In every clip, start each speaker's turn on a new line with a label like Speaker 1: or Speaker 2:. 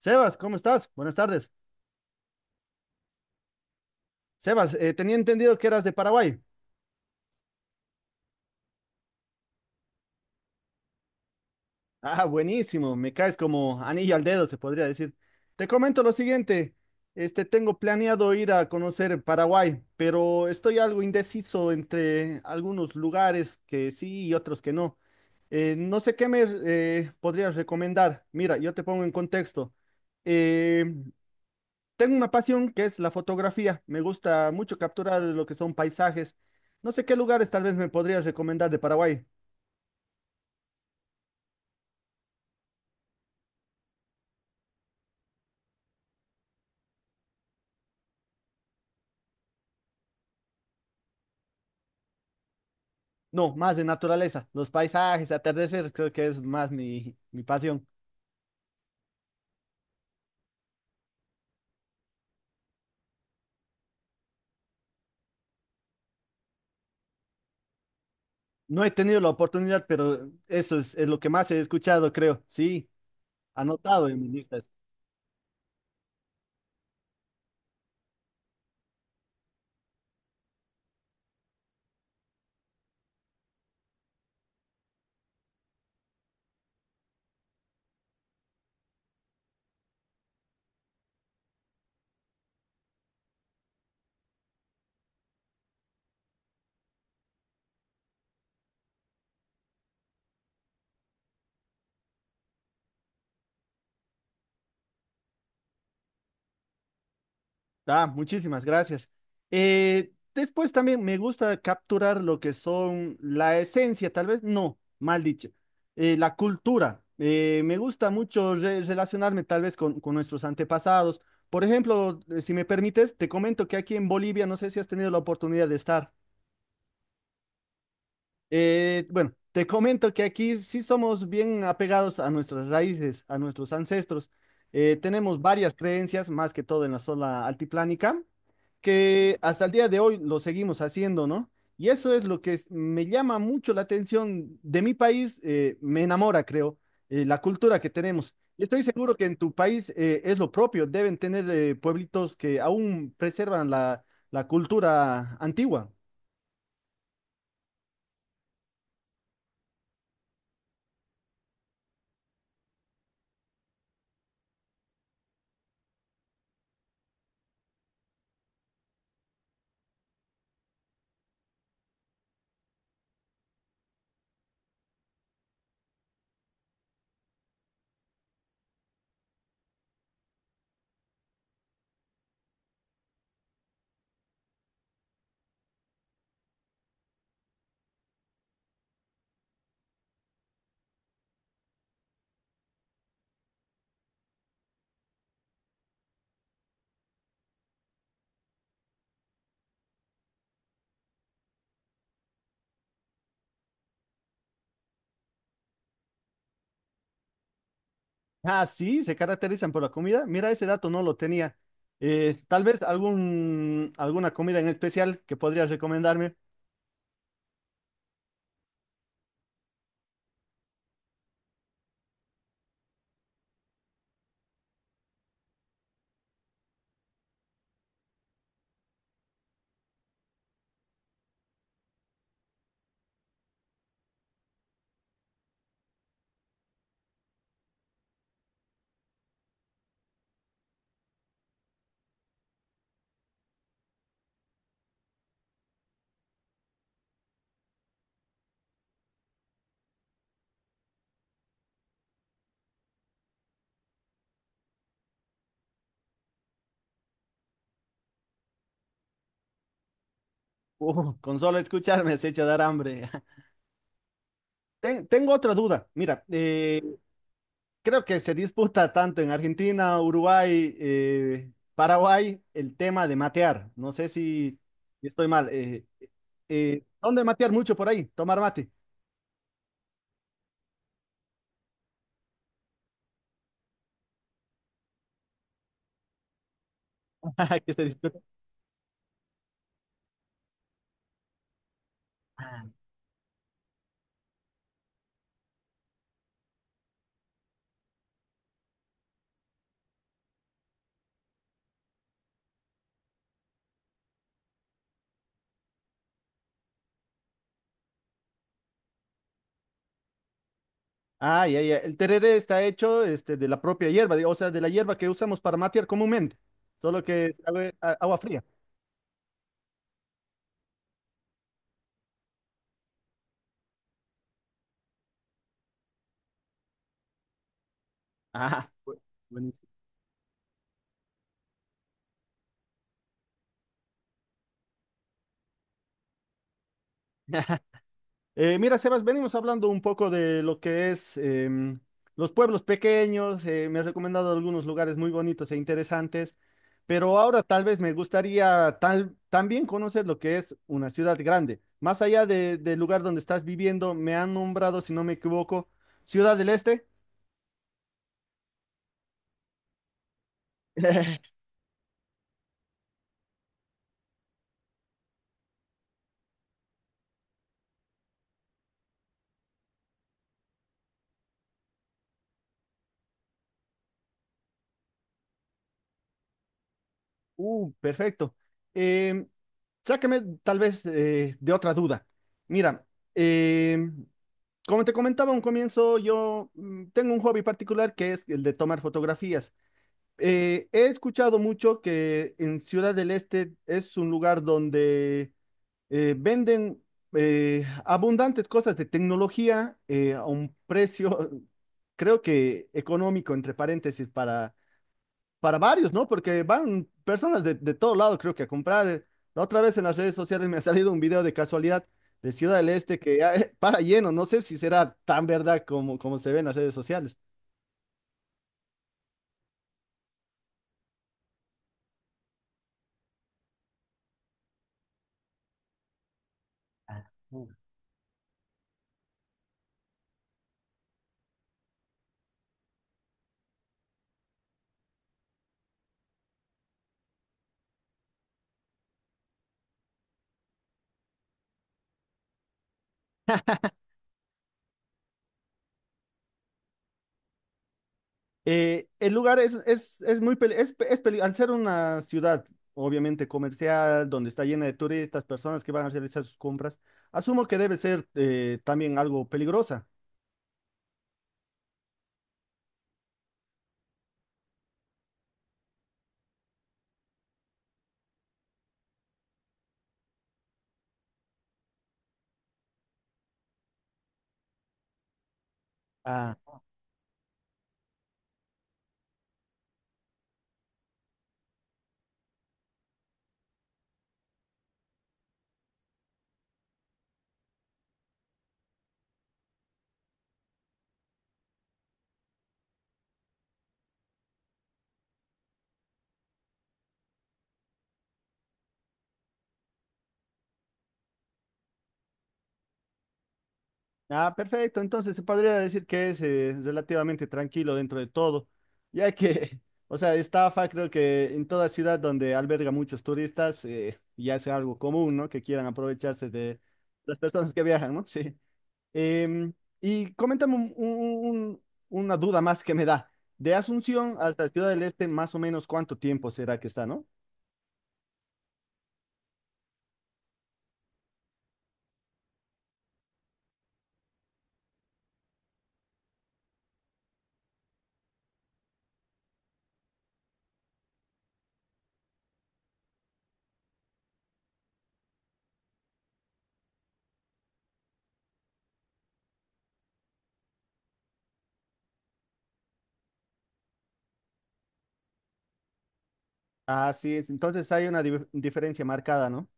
Speaker 1: Sebas, ¿cómo estás? Buenas tardes. Sebas, tenía entendido que eras de Paraguay. Ah, buenísimo, me caes como anillo al dedo, se podría decir. Te comento lo siguiente, tengo planeado ir a conocer Paraguay, pero estoy algo indeciso entre algunos lugares que sí y otros que no. No sé qué me podrías recomendar. Mira, yo te pongo en contexto. Eh, Tengo una pasión que es la fotografía. Me gusta mucho capturar lo que son paisajes. No sé qué lugares tal vez me podrías recomendar de Paraguay. No, más de naturaleza. Los paisajes, atardecer, creo que es más mi pasión. No he tenido la oportunidad, pero es lo que más he escuchado, creo. Sí, anotado en mi lista. Ah, muchísimas gracias. Después también me gusta capturar lo que son la esencia, tal vez, no, mal dicho, la cultura. Me gusta mucho relacionarme tal vez con nuestros antepasados. Por ejemplo, si me permites, te comento que aquí en Bolivia, no sé si has tenido la oportunidad de estar. Bueno, te comento que aquí sí somos bien apegados a nuestras raíces, a nuestros ancestros. Tenemos varias creencias, más que todo en la zona altiplánica, que hasta el día de hoy lo seguimos haciendo, ¿no? Y eso es lo que es- me llama mucho la atención de mi país, me enamora, creo, la cultura que tenemos. Y estoy seguro que en tu país es lo propio, deben tener pueblitos que aún preservan la cultura antigua. Ah, sí, se caracterizan por la comida. Mira, ese dato no lo tenía. Tal vez alguna comida en especial que podrías recomendarme. Con solo escucharme se echa a dar hambre. Tengo otra duda. Mira, creo que se disputa tanto en Argentina, Uruguay, Paraguay el tema de matear. No sé si estoy mal. ¿Dónde matear mucho por ahí? Tomar mate. Que se disputa. Ah, ya, ya. El tereré está hecho de la propia hierba, digo, o sea, de la hierba que usamos para matear comúnmente, solo que es agua, agua fría. Ajá. Buenísimo. Mira, Sebas, venimos hablando un poco de lo que es los pueblos pequeños, me has recomendado algunos lugares muy bonitos e interesantes, pero ahora tal vez me gustaría también conocer lo que es una ciudad grande. Más allá del lugar donde estás viviendo, me han nombrado, si no me equivoco, Ciudad del Este. Perfecto. Em, sácame tal vez de otra duda. Mira, em, como te comentaba a un comienzo, yo tengo un hobby particular que es el de tomar fotografías. He escuchado mucho que en Ciudad del Este es un lugar donde venden abundantes cosas de tecnología a un precio, creo que económico, entre paréntesis, para varios, ¿no? Porque van personas de todo lado, creo que a comprar. La otra vez en las redes sociales me ha salido un video de casualidad de Ciudad del Este que ya, para lleno, no sé si será tan verdad como se ve en las redes sociales. Mm. El lugar al ser una ciudad obviamente comercial, donde está llena de turistas, personas que van a realizar sus compras, asumo que debe ser también algo peligrosa. Ah, Ah, perfecto. Entonces se podría decir que es relativamente tranquilo dentro de todo, ya que, o sea, estafa creo que en toda ciudad donde alberga muchos turistas ya sea algo común, ¿no? Que quieran aprovecharse de las personas que viajan, ¿no? Sí. Em, y coméntame una duda más que me da. De Asunción hasta Ciudad del Este, más o menos cuánto tiempo será que está, ¿no? Ah, sí, entonces hay una diferencia marcada, ¿no?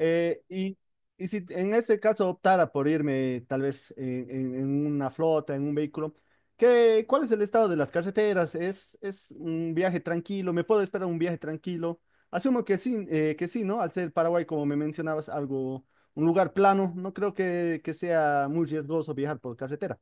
Speaker 1: Eh, y, y si en ese caso optara por irme tal vez en una flota, en un vehículo, ¿cuál es el estado de las carreteras? Es un viaje tranquilo? ¿Me puedo esperar un viaje tranquilo? Asumo que sí, ¿no? Al ser Paraguay, como me mencionabas, un lugar plano, no creo que sea muy riesgoso viajar por carretera.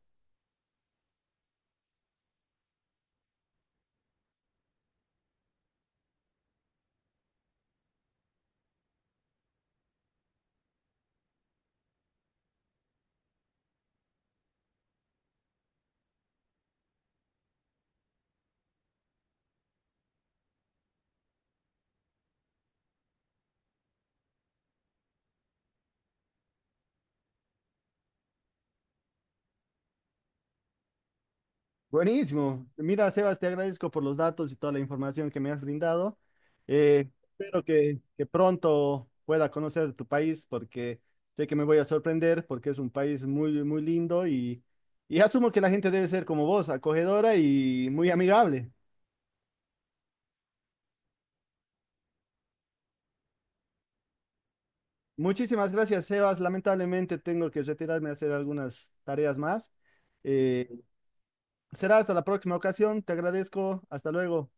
Speaker 1: Buenísimo. Mira, Sebas, te agradezco por los datos y toda la información que me has brindado. Espero que pronto pueda conocer tu país porque sé que me voy a sorprender porque es un país muy, muy lindo y asumo que la gente debe ser como vos, acogedora y muy amigable. Muchísimas gracias, Sebas. Lamentablemente tengo que retirarme a hacer algunas tareas más. Eh, será hasta la próxima ocasión. Te agradezco. Hasta luego.